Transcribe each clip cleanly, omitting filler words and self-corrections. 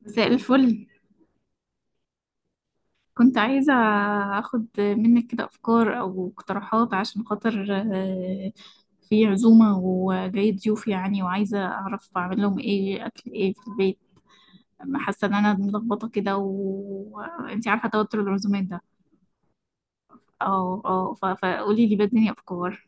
مساء الفل. كنت عايزة أخد منك كده أفكار أو اقتراحات عشان خاطر آه، في عزومة وجاي ضيوف، يعني وعايزة أعرف أعمل لهم إيه، أكل إيه في البيت. حاسة إن أنا ملخبطة كده، وأنتي عارفة توتر العزومات ده. اه، اه، فقولي لي، بديني أفكار.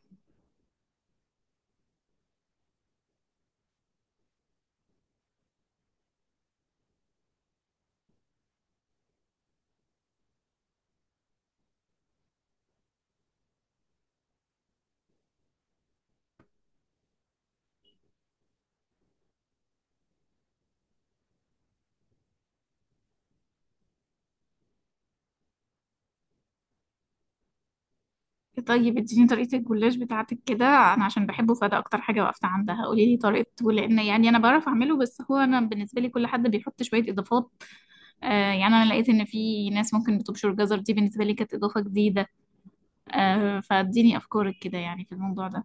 طيب اديني طريقة الجلاش بتاعتك كده، أنا عشان بحبه فده أكتر حاجة وقفت عندها. قولي لي طريقته، لأن يعني أنا بعرف أعمله، بس هو أنا بالنسبة لي كل حد بيحط شوية إضافات. آه، يعني أنا لقيت إن في ناس ممكن بتبشر جزر، دي بالنسبة لي كانت إضافة جديدة. فاديني أفكارك كده يعني في الموضوع ده.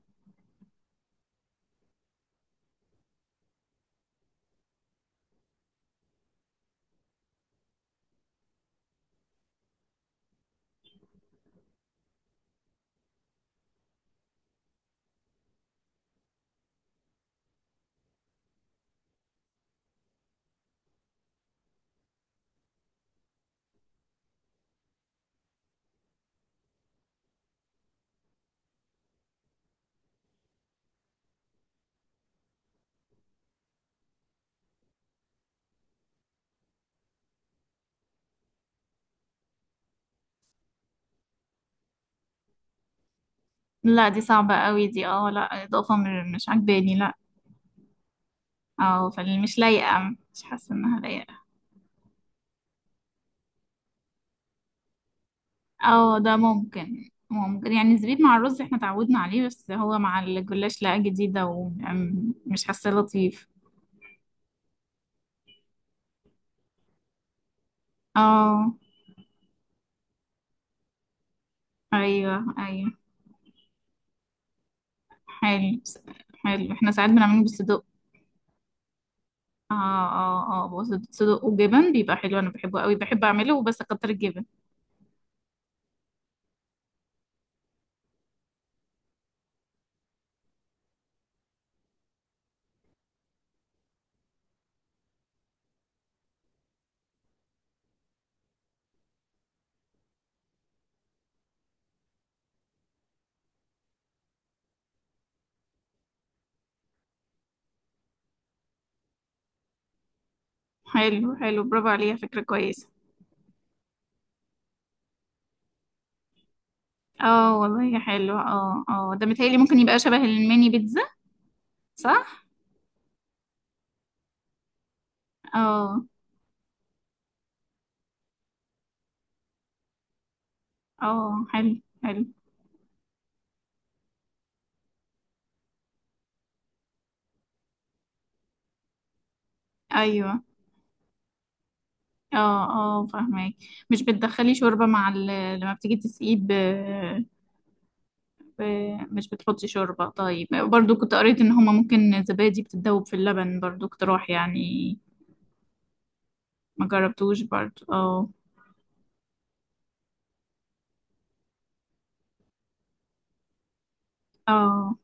لا، دي صعبة قوي دي. اه، لا، إضافة مش عجباني، لا. اه، فمش لايقة، مش حاسة إنها لايقة. اه، ده ممكن يعني. الزبيب مع الرز احنا تعودنا عليه، بس هو مع الجلاش لا، جديدة ومش حاسة لطيف. اه، ايوه، ايوه. حلو، حلو. احنا ساعات بنعمله بالصدق. اه، اه، اه. بص، صدق وجبن بيبقى حلو، انا بحبه قوي. بحب اعمله، وبس اكتر الجبن. حلو، حلو، برافو عليها، فكرة كويسة. اه، والله يا حلو. اه، اه، ده متهيألي ممكن يبقى شبه الميني بيتزا. صح. اه، اه، حلو، حلو، ايوه. اه، اه، فاهمك. مش بتدخلي شوربة لما بتيجي تسقيه ب... مش بتحطي شوربة؟ طيب، برضو كنت قريت ان هما ممكن الزبادي بتتذوب في اللبن، برضو اقتراح يعني. ما جربتوش برضو. اه، اه،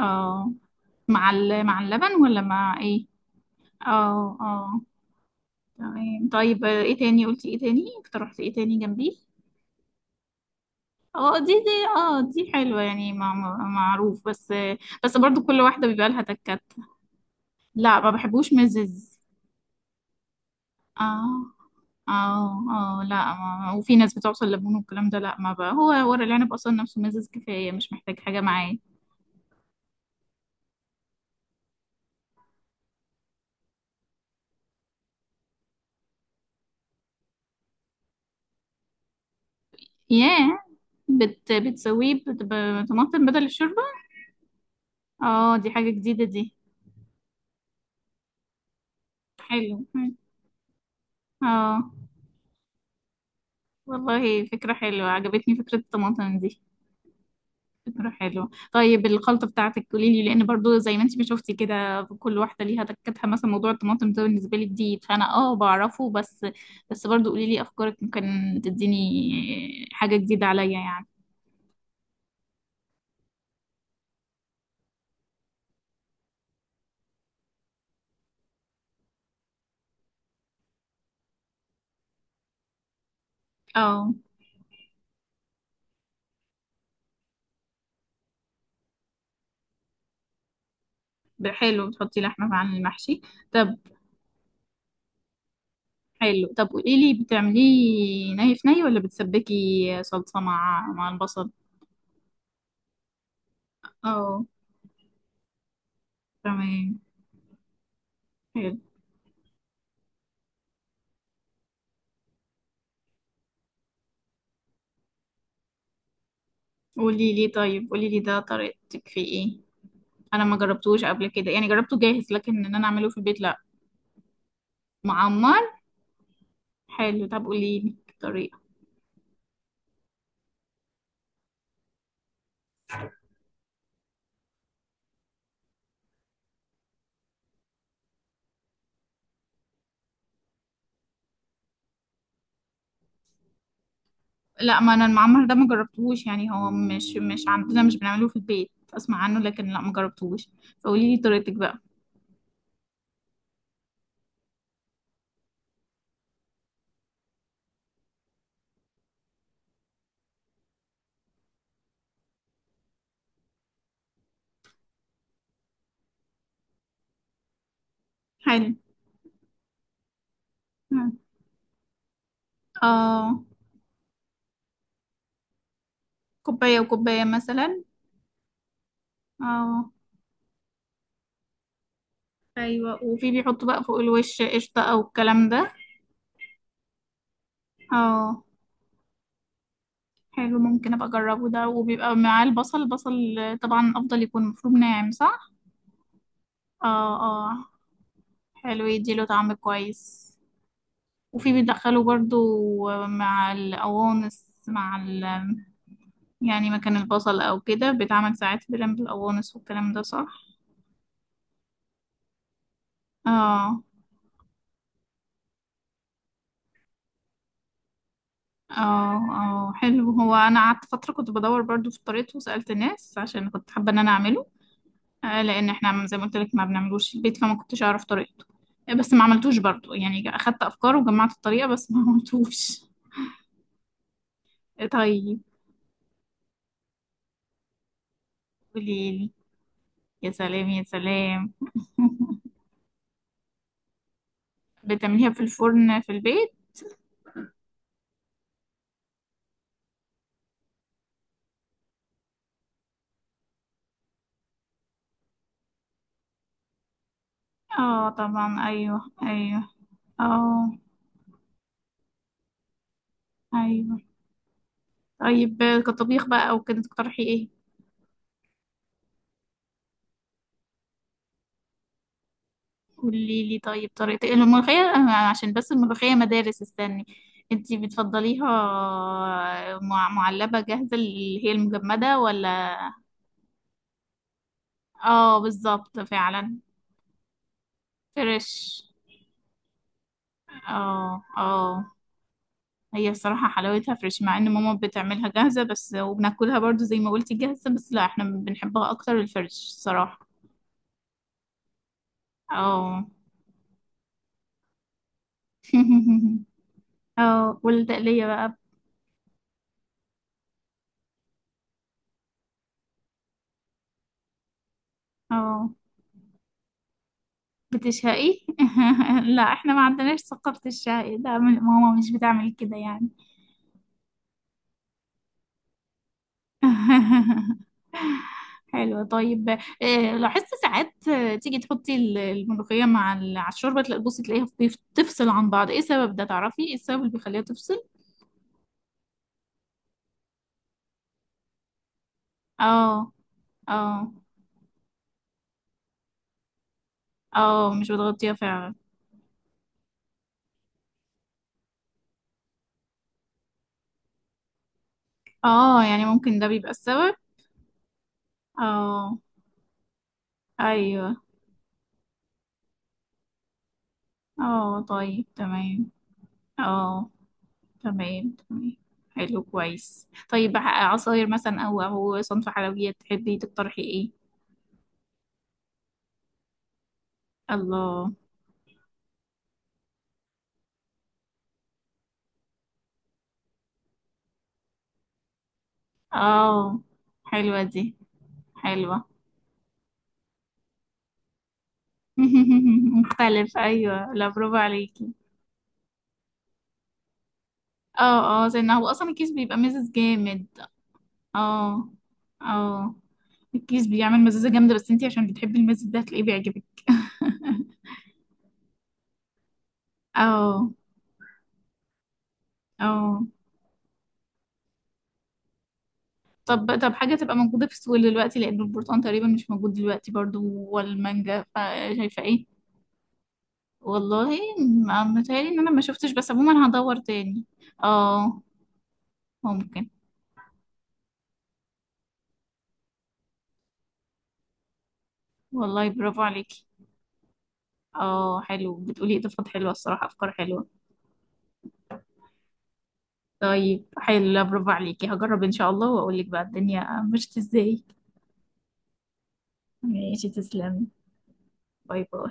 اه، مع اللبن ولا مع ايه؟ اه، اه، تمام. طيب ايه تاني قلتي؟ ايه تاني اقترحتي؟ ايه تاني جنبيه؟ اه، دي. اه، دي حلوة يعني، معروف بس. بس برضو كل واحدة بيبقى لها تكات. لا، ما بحبوش مزز. اه، اه، اه، لا. ما... وفي ناس بتعصر ليمون والكلام ده، لا ما بقى. هو ورق العنب اصلا نفسه مزز كفاية، مش محتاج حاجة معاه. ياه، بتسويه بطماطم بدل الشوربة؟ اه، دي حاجة جديدة دي. حلو، حلو. اه، والله فكرة حلوة، عجبتني فكرة الطماطم دي. فكرة حلوة. طيب الخلطة بتاعتك قولي لي، لأن برضو زي ما انت ما شفتي كده، كل واحدة ليها تكتها. مثلا موضوع الطماطم ده بالنسبة لي جديد، فأنا بعرفه بس. بس برضو قولي لي أفكارك، ممكن تديني حاجة جديدة عليا يعني. اه، حلو، بتحطي لحمة عن المحشي؟ طب حلو. طب قولي لي، بتعمليه ني في ني ولا بتسبكي صلصة مع البصل؟ اه، تمام. حلو، قولي لي طيب، قولي لي ده طريقتك فيه ايه. انا ما جربتوش قبل كده يعني، جربته جاهز، لكن ان انا اعمله في البيت لا. معمر. حلو، طب قولي لي الطريقه. لا، ما انا المعمر ده ما جربتوش يعني، هو مش عندنا، مش بنعمله في البيت، اسمع عنه لكن لا، ما جربتوش. فقولي لي طريقتك بقى. حلو. اه، كوبايه وكوبايه مثلا. اه، ايوه. وفي بيحطوا بقى فوق الوش قشطه او الكلام ده. اه، حلو، ممكن ابقى اجربه ده. وبيبقى معاه البصل. البصل طبعا افضل يكون مفروم ناعم، صح؟ اه، اه، حلو، يديله طعم كويس. وفي بيدخله برضو، مع القوانص، مع ال يعني مكان البصل او كده، بيتعمل ساعات بلم بالقوانص والكلام ده، صح؟ اه، اه، اه، حلو. هو انا قعدت فترة كنت بدور برضو في طريقته، وسألت الناس عشان كنت حابة ان انا اعمله، لان احنا زي ما قلت لك ما بنعملوش في البيت، فما كنتش اعرف طريقته. بس ما عملتوش برضو يعني، اخدت افكار وجمعت الطريقه بس ما عملتوش. طيب قولي لي. يا سلام، يا سلام. بتعمليها في الفرن في البيت؟ اه، طبعا، ايوه، ايوه. اه، ايوه. طيب كطبيخ بقى او كده تقترحي ايه؟ قولي لي طيب، طريقه إيه؟ الملوخيه، عشان بس الملوخيه مدارس، استني. انتي بتفضليها معلبه جاهزه، اللي هي المجمده، ولا؟ اه، بالظبط فعلا. فريش. اه، اه. هي الصراحة حلاوتها فريش، مع ان ماما بتعملها جاهزة بس وبناكلها برضو زي ما قلتي جاهزة بس. لا، احنا بنحبها اكتر الفريش. صراحة. اه. اه، والتقلية بقى؟ اه، بتشهقي؟ لا، احنا ما عندناش ثقافة الشهي ده، ماما مش بتعمل كده يعني. حلو، طيب لاحظت ساعات تيجي تحطي الملوخية على الشوربة، تلاقي، بصي، تلاقيها تفصل عن بعض، ايه السبب ده، تعرفي ايه السبب اللي بيخليها تفصل؟ اه، اه، اه، مش بتغطيها فعلا. اه، يعني ممكن ده بيبقى السبب. اه، ايوه. اه، طيب، تمام. اه، تمام، تمام. حلو، كويس. طيب عصاير مثلا او صنف حلويات، تحبي تقترحي ايه؟ الله. اه، حلوة دي. حلوة. مختلف، ايوه. لا، برافو عليكي. اه، اه، زي هو اصلا الكيس بيبقى مزز جامد. اه، اه. الكيس بيعمل مزازة جامدة، بس انتي عشان بتحبي المزز ده هتلاقيه بيعجبك. اه، اه. طب حاجة تبقى موجودة في السوق دلوقتي، لأن البرتقال تقريبا مش موجود دلوقتي برضو والمانجا، فشايفة ايه؟ والله متهيألي ان انا ما شفتش، بس عموما هدور تاني. اه، ممكن. والله، برافو عليكي. اه، حلو، بتقولي اضافات حلوه الصراحه، افكار حلوه. طيب، حلو. لا، برافو عليكي، هجرب ان شاء الله واقول لك بقى الدنيا مشت ازاي. ماشي، تسلمي. باي باي.